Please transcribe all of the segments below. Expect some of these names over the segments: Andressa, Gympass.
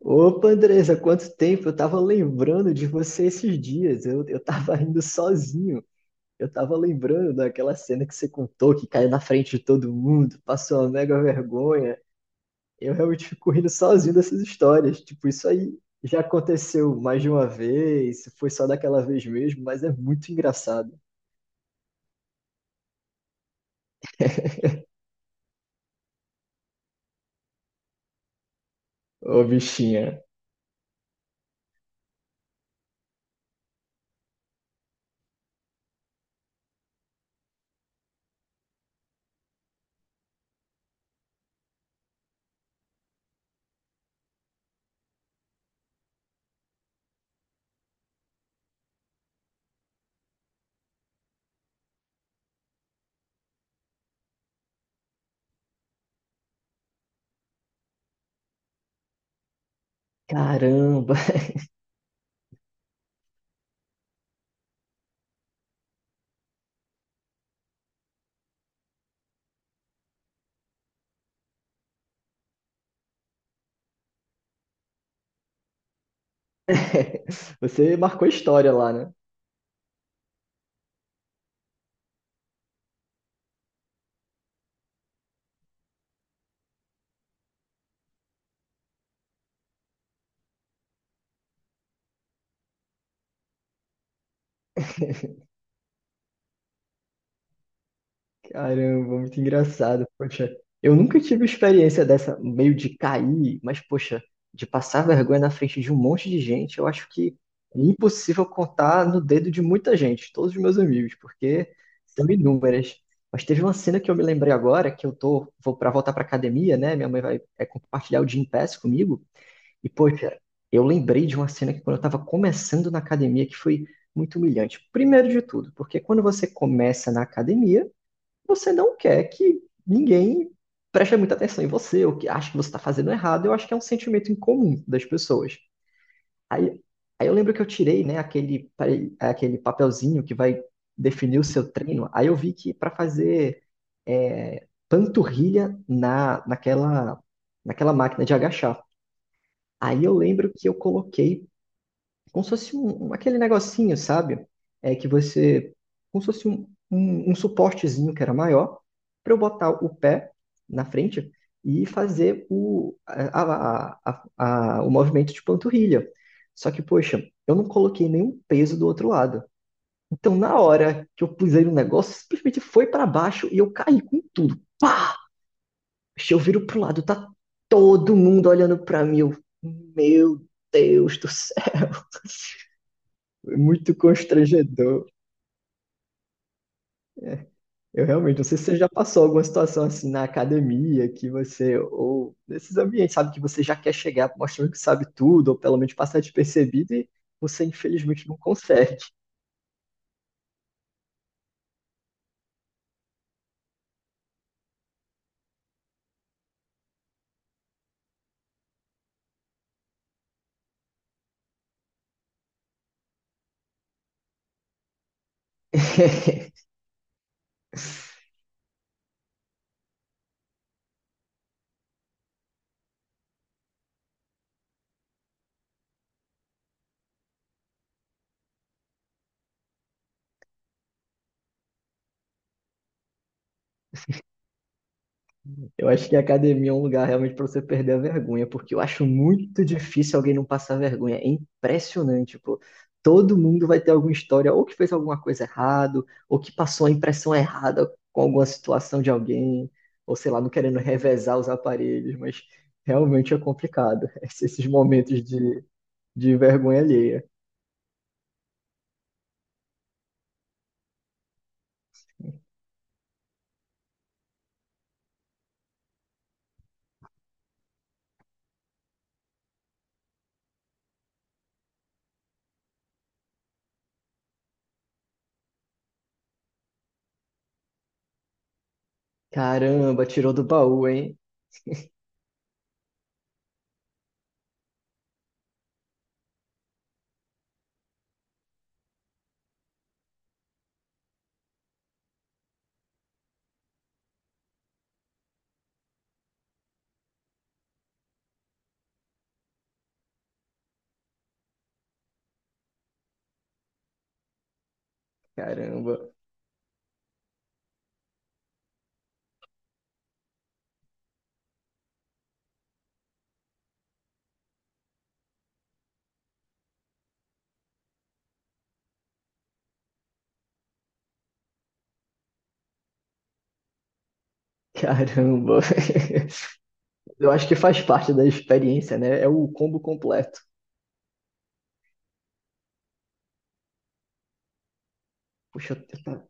Opa, Andressa, quanto tempo! Eu tava lembrando de você esses dias. Eu tava indo sozinho. Eu tava lembrando daquela cena que você contou, que caiu na frente de todo mundo, passou uma mega vergonha. Eu realmente fico rindo sozinho dessas histórias. Tipo, isso aí já aconteceu mais de uma vez, foi só daquela vez mesmo, mas é muito engraçado. Ô, bichinha. Caramba! Você marcou história lá, né? Caramba, muito engraçado. Poxa, eu nunca tive experiência dessa, meio de cair, mas poxa, de passar vergonha na frente de um monte de gente, eu acho que é impossível contar no dedo de muita gente, todos os meus amigos, porque são inúmeras. Mas teve uma cena que eu me lembrei agora, que eu tô, vou para voltar pra academia, né? Minha mãe vai compartilhar o Gympass comigo, e poxa, eu lembrei de uma cena que quando eu tava começando na academia, que foi muito humilhante. Primeiro de tudo, porque quando você começa na academia, você não quer que ninguém preste muita atenção em você, ou que acha que você está fazendo errado. Eu acho que é um sentimento incomum das pessoas. Aí, aí eu lembro que eu tirei, né, aquele papelzinho que vai definir o seu treino. Aí eu vi que para fazer panturrilha naquela, naquela máquina de agachar. Aí eu lembro que eu coloquei como se fosse aquele negocinho, sabe? É que você, como se fosse um suportezinho que era maior, para eu botar o pé na frente e fazer o, a- o movimento de panturrilha. Só que, poxa, eu não coloquei nenhum peso do outro lado. Então, na hora que eu pusei no negócio, simplesmente foi para baixo e eu caí com tudo. Pá! Eu viro pro lado, tá todo mundo olhando para mim. Eu, meu Deus do céu! Muito constrangedor. Eu realmente não sei se você já passou alguma situação assim na academia, que você, ou nesses ambientes, sabe, que você já quer chegar mostrando que sabe tudo, ou pelo menos passar despercebido, e você infelizmente não consegue. Eu acho que a academia é um lugar realmente para você perder a vergonha, porque eu acho muito difícil alguém não passar vergonha. É impressionante, pô. Todo mundo vai ter alguma história, ou que fez alguma coisa errada, ou que passou a impressão errada com alguma situação de alguém, ou sei lá, não querendo revezar os aparelhos, mas realmente é complicado. Esses momentos de vergonha alheia. Caramba, tirou do baú, hein? Caramba, caramba. Eu acho que faz parte da experiência, né? É o combo completo. Puxa, tá-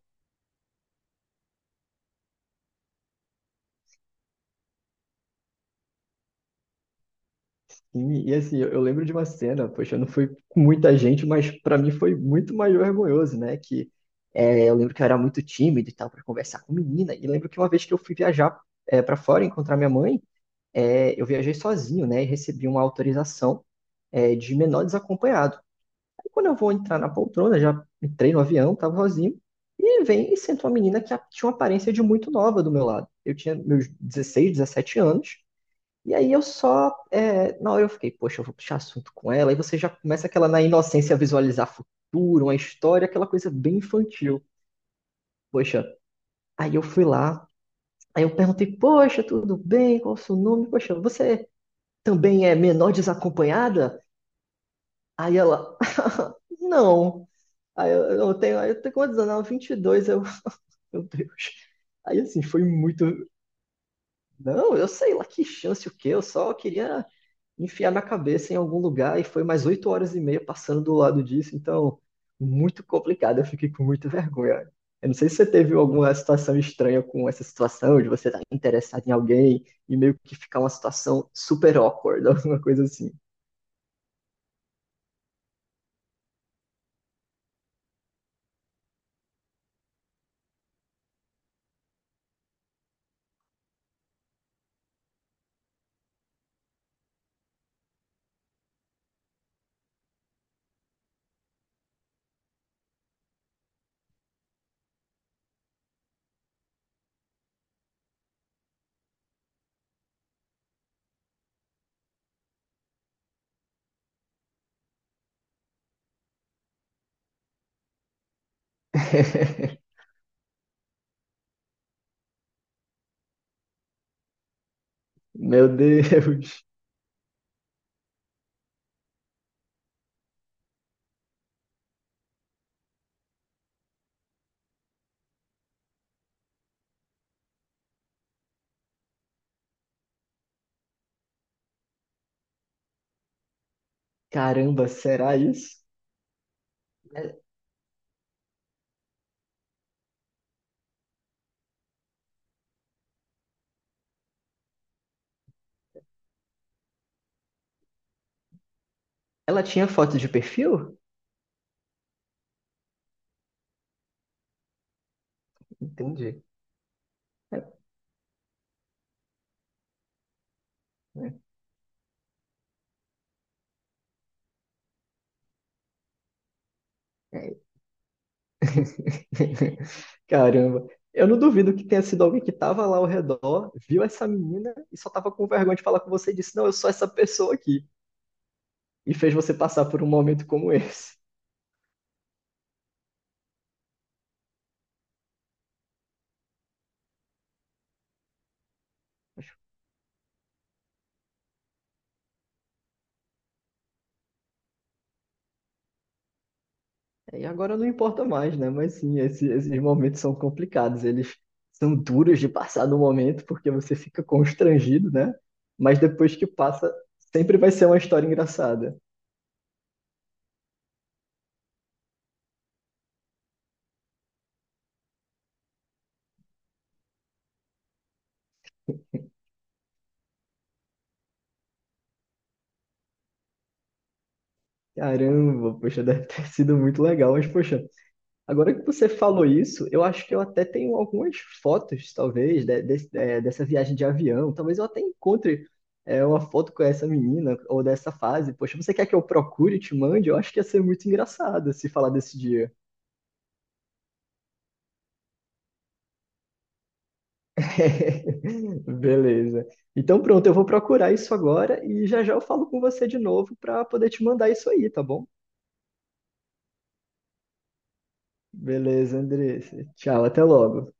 e assim, eu lembro de uma cena, poxa, não foi com muita gente, mas pra mim foi muito mais vergonhoso, né? Que eu lembro que eu era muito tímido e tal pra conversar com menina. E lembro que uma vez que eu fui viajar para fora encontrar minha mãe, eu viajei sozinho, né? E recebi uma autorização de menor desacompanhado. Aí quando eu vou entrar na poltrona, já entrei no avião, tava sozinho, e vem e senta uma menina que tinha uma aparência de muito nova do meu lado. Eu tinha meus 16, 17 anos. E aí eu só, na hora eu fiquei, poxa, eu vou puxar assunto com ela, e você já começa aquela na inocência visualizar futuro, uma história, aquela coisa bem infantil. Poxa, aí eu fui lá, aí eu perguntei, poxa, tudo bem? Qual o seu nome? Poxa, você também é menor desacompanhada? Aí ela, não. Aí eu tenho quantos anos? Ela, 22, eu, meu Deus. Aí assim, foi muito, não, eu sei lá que chance o quê, eu só queria enfiar na cabeça em algum lugar e foi mais oito horas e meia passando do lado disso, então muito complicado, eu fiquei com muita vergonha. Eu não sei se você teve alguma situação estranha com essa situação, de você estar interessado em alguém e meio que ficar uma situação super awkward, alguma coisa assim. Meu Deus, caramba, será isso? É, ela tinha foto de perfil? Entendi. É, é, caramba. Eu não duvido que tenha sido alguém que estava lá ao redor, viu essa menina e só estava com vergonha de falar com você e disse: Não, eu sou essa pessoa aqui. E fez você passar por um momento como esse. É, e agora não importa mais, né? Mas sim, esses momentos são complicados. Eles são duros de passar no momento, porque você fica constrangido, né? Mas depois que passa, sempre vai ser uma história engraçada. Caramba, poxa, deve ter sido muito legal, mas poxa. Agora que você falou isso, eu acho que eu até tenho algumas fotos, talvez, é, dessa viagem de avião. Talvez eu até encontre uma foto com essa menina ou dessa fase. Poxa, você quer que eu procure e te mande? Eu acho que ia ser muito engraçado se falar desse dia. Beleza. Então pronto, eu vou procurar isso agora e já já eu falo com você de novo para poder te mandar isso aí, tá bom? Beleza, Andressa. Tchau, até logo.